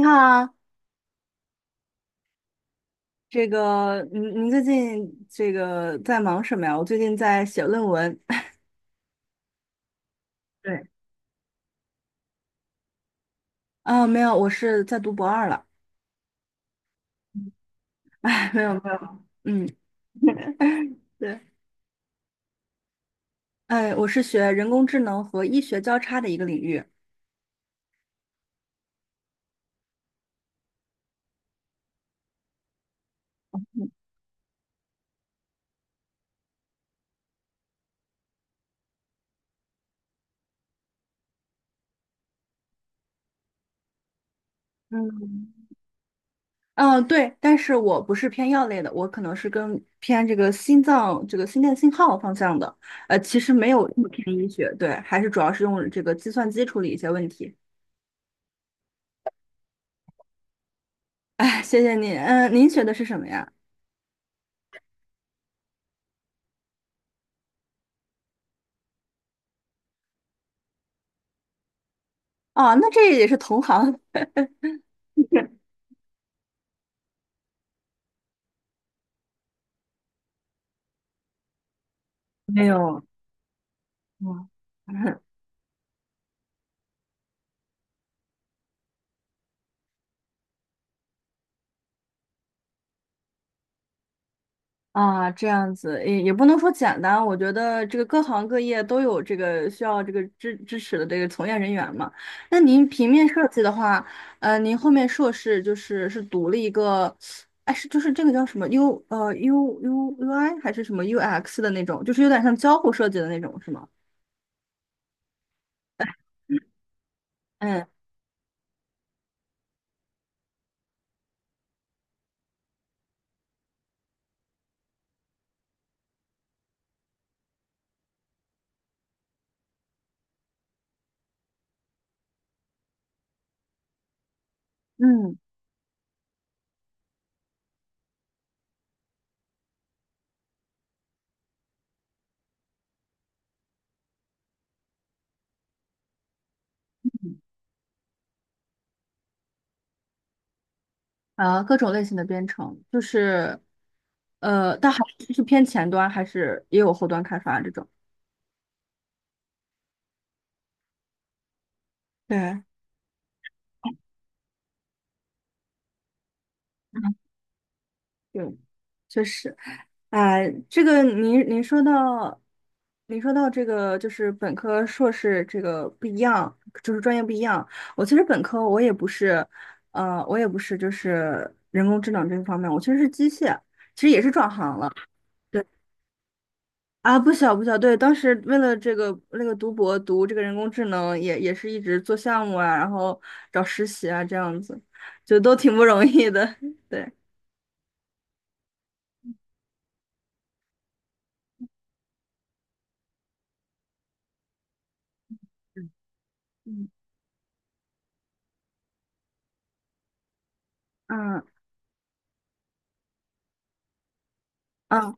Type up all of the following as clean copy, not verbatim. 你好啊，这个您最近这个在忙什么呀？我最近在写论文。对，没有，我是在读博二了。没有没有，嗯，对，哎，我是学人工智能和医学交叉的一个领域。嗯，嗯，对，但是我不是偏药类的，我可能是跟偏这个心脏这个心电信号方向的。其实没有那么偏医学，对，还是主要是用这个计算机处理一些问题。哎，谢谢你。嗯，您学的是什么呀？哦，那这也是同行。没有，嗯，啊，这样子也不能说简单，我觉得这个各行各业都有这个需要这个支持的这个从业人员嘛。那您平面设计的话，您后面硕士就是读了一个，哎，是就是这个叫什么 U U U U I 还是什么 U X 的那种，就是有点像交互设计的那种，是吗？嗯嗯，啊，各种类型的编程，就是但还是偏前端还是也有后端开发这种。对。嗯，确实，哎，这个您说到，您说到这个就是本科、硕士这个不一样，就是专业不一样。我其实本科我也不是，我也不是就是人工智能这方面，我其实是机械，其实也是转行了。对，啊，不小不小，对，当时为了这个那个读博读这个人工智能也，也是一直做项目啊，然后找实习啊，这样子，就都挺不容易的。对，嗯嗯。嗯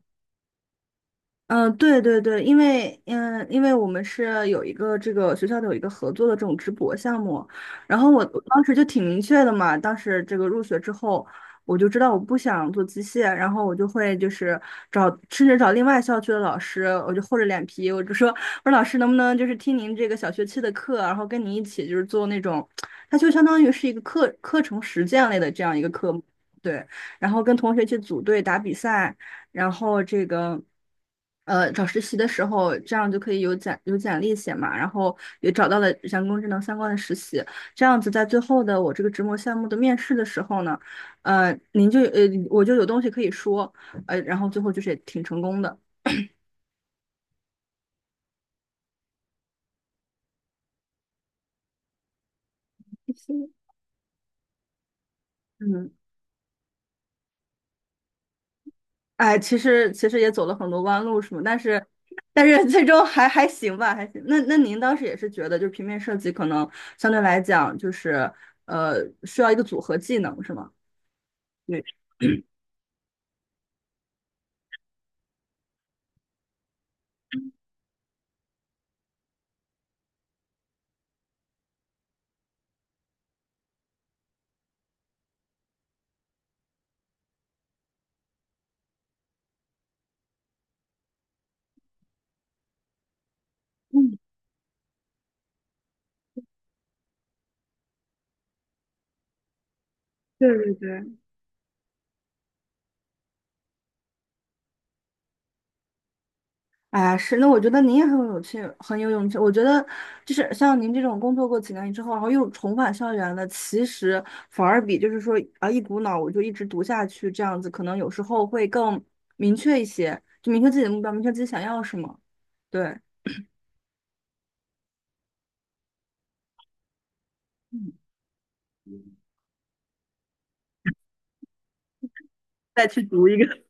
嗯，对对对，因为嗯，因为我们是有一个这个学校的有一个合作的这种直播项目，然后我当时就挺明确的嘛，当时这个入学之后，我就知道我不想做机械，然后我就会就是找甚至找另外校区的老师，我就厚着脸皮，我就说我说老师能不能就是听您这个小学期的课，然后跟您一起就是做那种，它就相当于是一个课程实践类的这样一个科目，对，然后跟同学去组队打比赛。然后这个找实习的时候，这样就可以有简历写嘛，然后也找到了人工智能相关的实习，这样子在最后的我这个职模项目的面试的时候呢，呃，您就呃我就有东西可以说，然后最后就是也挺成功的 嗯嗯，哎，其实也走了很多弯路，什么，但是但是最终还行吧，还行。那那您当时也是觉得，就是平面设计可能相对来讲，就是呃需要一个组合技能，是吗？对嗯，对对对，哎，呀，是，那我觉得您也很有勇气，很有勇气。我觉得就是像您这种工作过几年之后，然后又重返校园的，其实反而比就是说啊一股脑我就一直读下去这样子，可能有时候会更明确一些，就明确自己的目标，明确自己想要什么，对，再去读一个。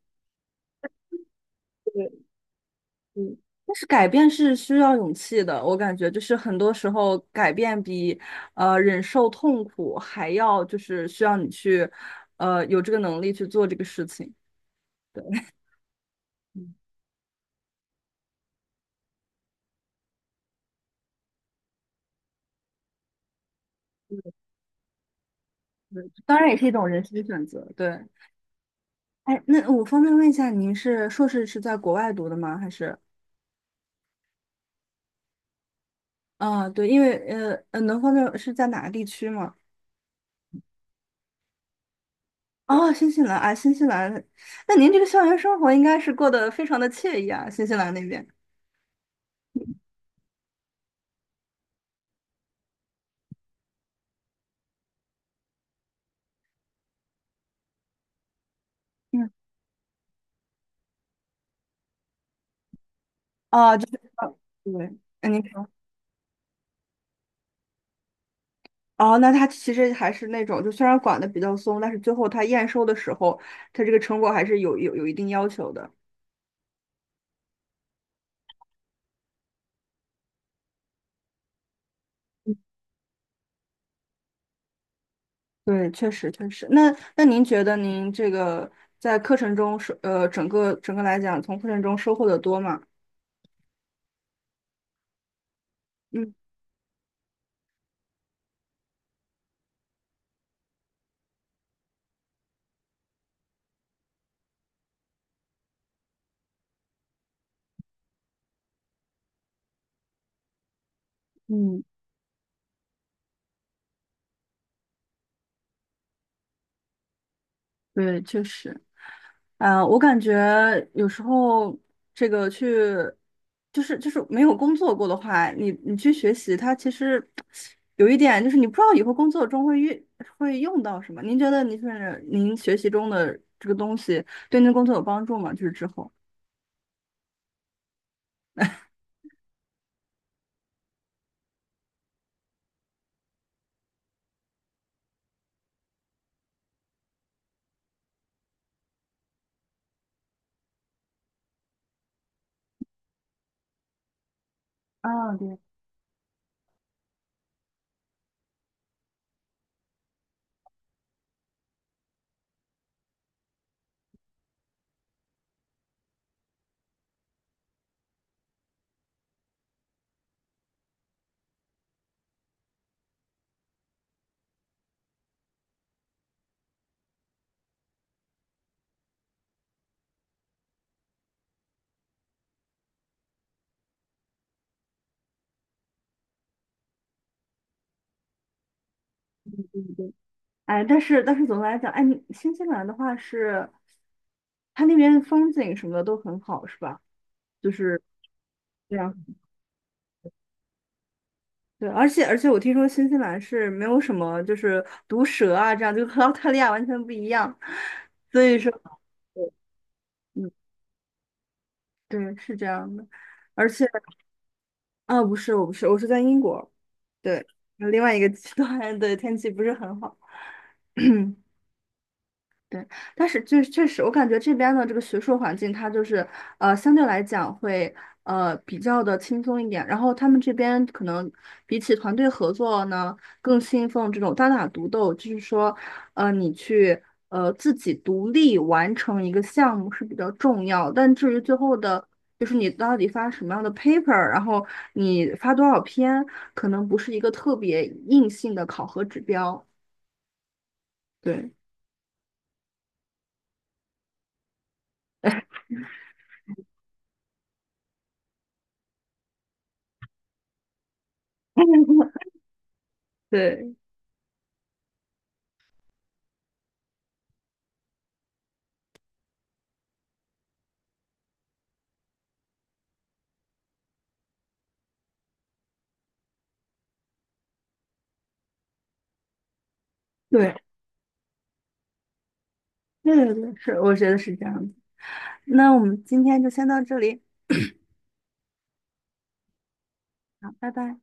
嗯，但是改变是需要勇气的，我感觉就是很多时候改变比忍受痛苦还要就是需要你去有这个能力去做这个事情。对，嗯对当然也是一种人生选择。对，哎，那我方便问一下，您是硕士是在国外读的吗？还是啊，对，因为能方便是在哪个地区吗？哦，新西兰啊，新西兰，那您这个校园生活应该是过得非常的惬意啊，新西兰那边。嗯。啊，就是对，嗯，您说哦，那它其实还是那种，就虽然管的比较松，但是最后它验收的时候，它这个成果还是有一定要求的。对，确实确实。那那您觉得您这个在课程中整个来讲，从课程中收获的多吗？嗯嗯。对，确实。啊，我感觉有时候这个去，就是没有工作过的话，你去学习，它其实有一点就是你不知道以后工作中会用到什么。您觉得您是您学习中的这个东西对您的工作有帮助吗？就是之后。啊，对。哎，但是但是总的来讲，哎，你新西兰的话是，它那边风景什么的都很好，是吧？就是。这样。对，而且我听说新西兰是没有什么就是毒蛇啊，这样就和 澳大利亚完全不一样，所以说，嗯，对，是这样的。而且啊，不是，我不是，我是在英国，对，另外一个极端的天气不是很好。对，但是就确实，我感觉这边的这个学术环境，它就是相对来讲会比较的轻松一点。然后他们这边可能比起团队合作呢，更信奉这种单打独斗，就是说，你去自己独立完成一个项目是比较重要。但至于最后的，就是你到底发什么样的 paper，然后你发多少篇，可能不是一个特别硬性的考核指标。对，对对。对对对，是，我觉得是这样的。那我们今天就先到这里，好，拜拜。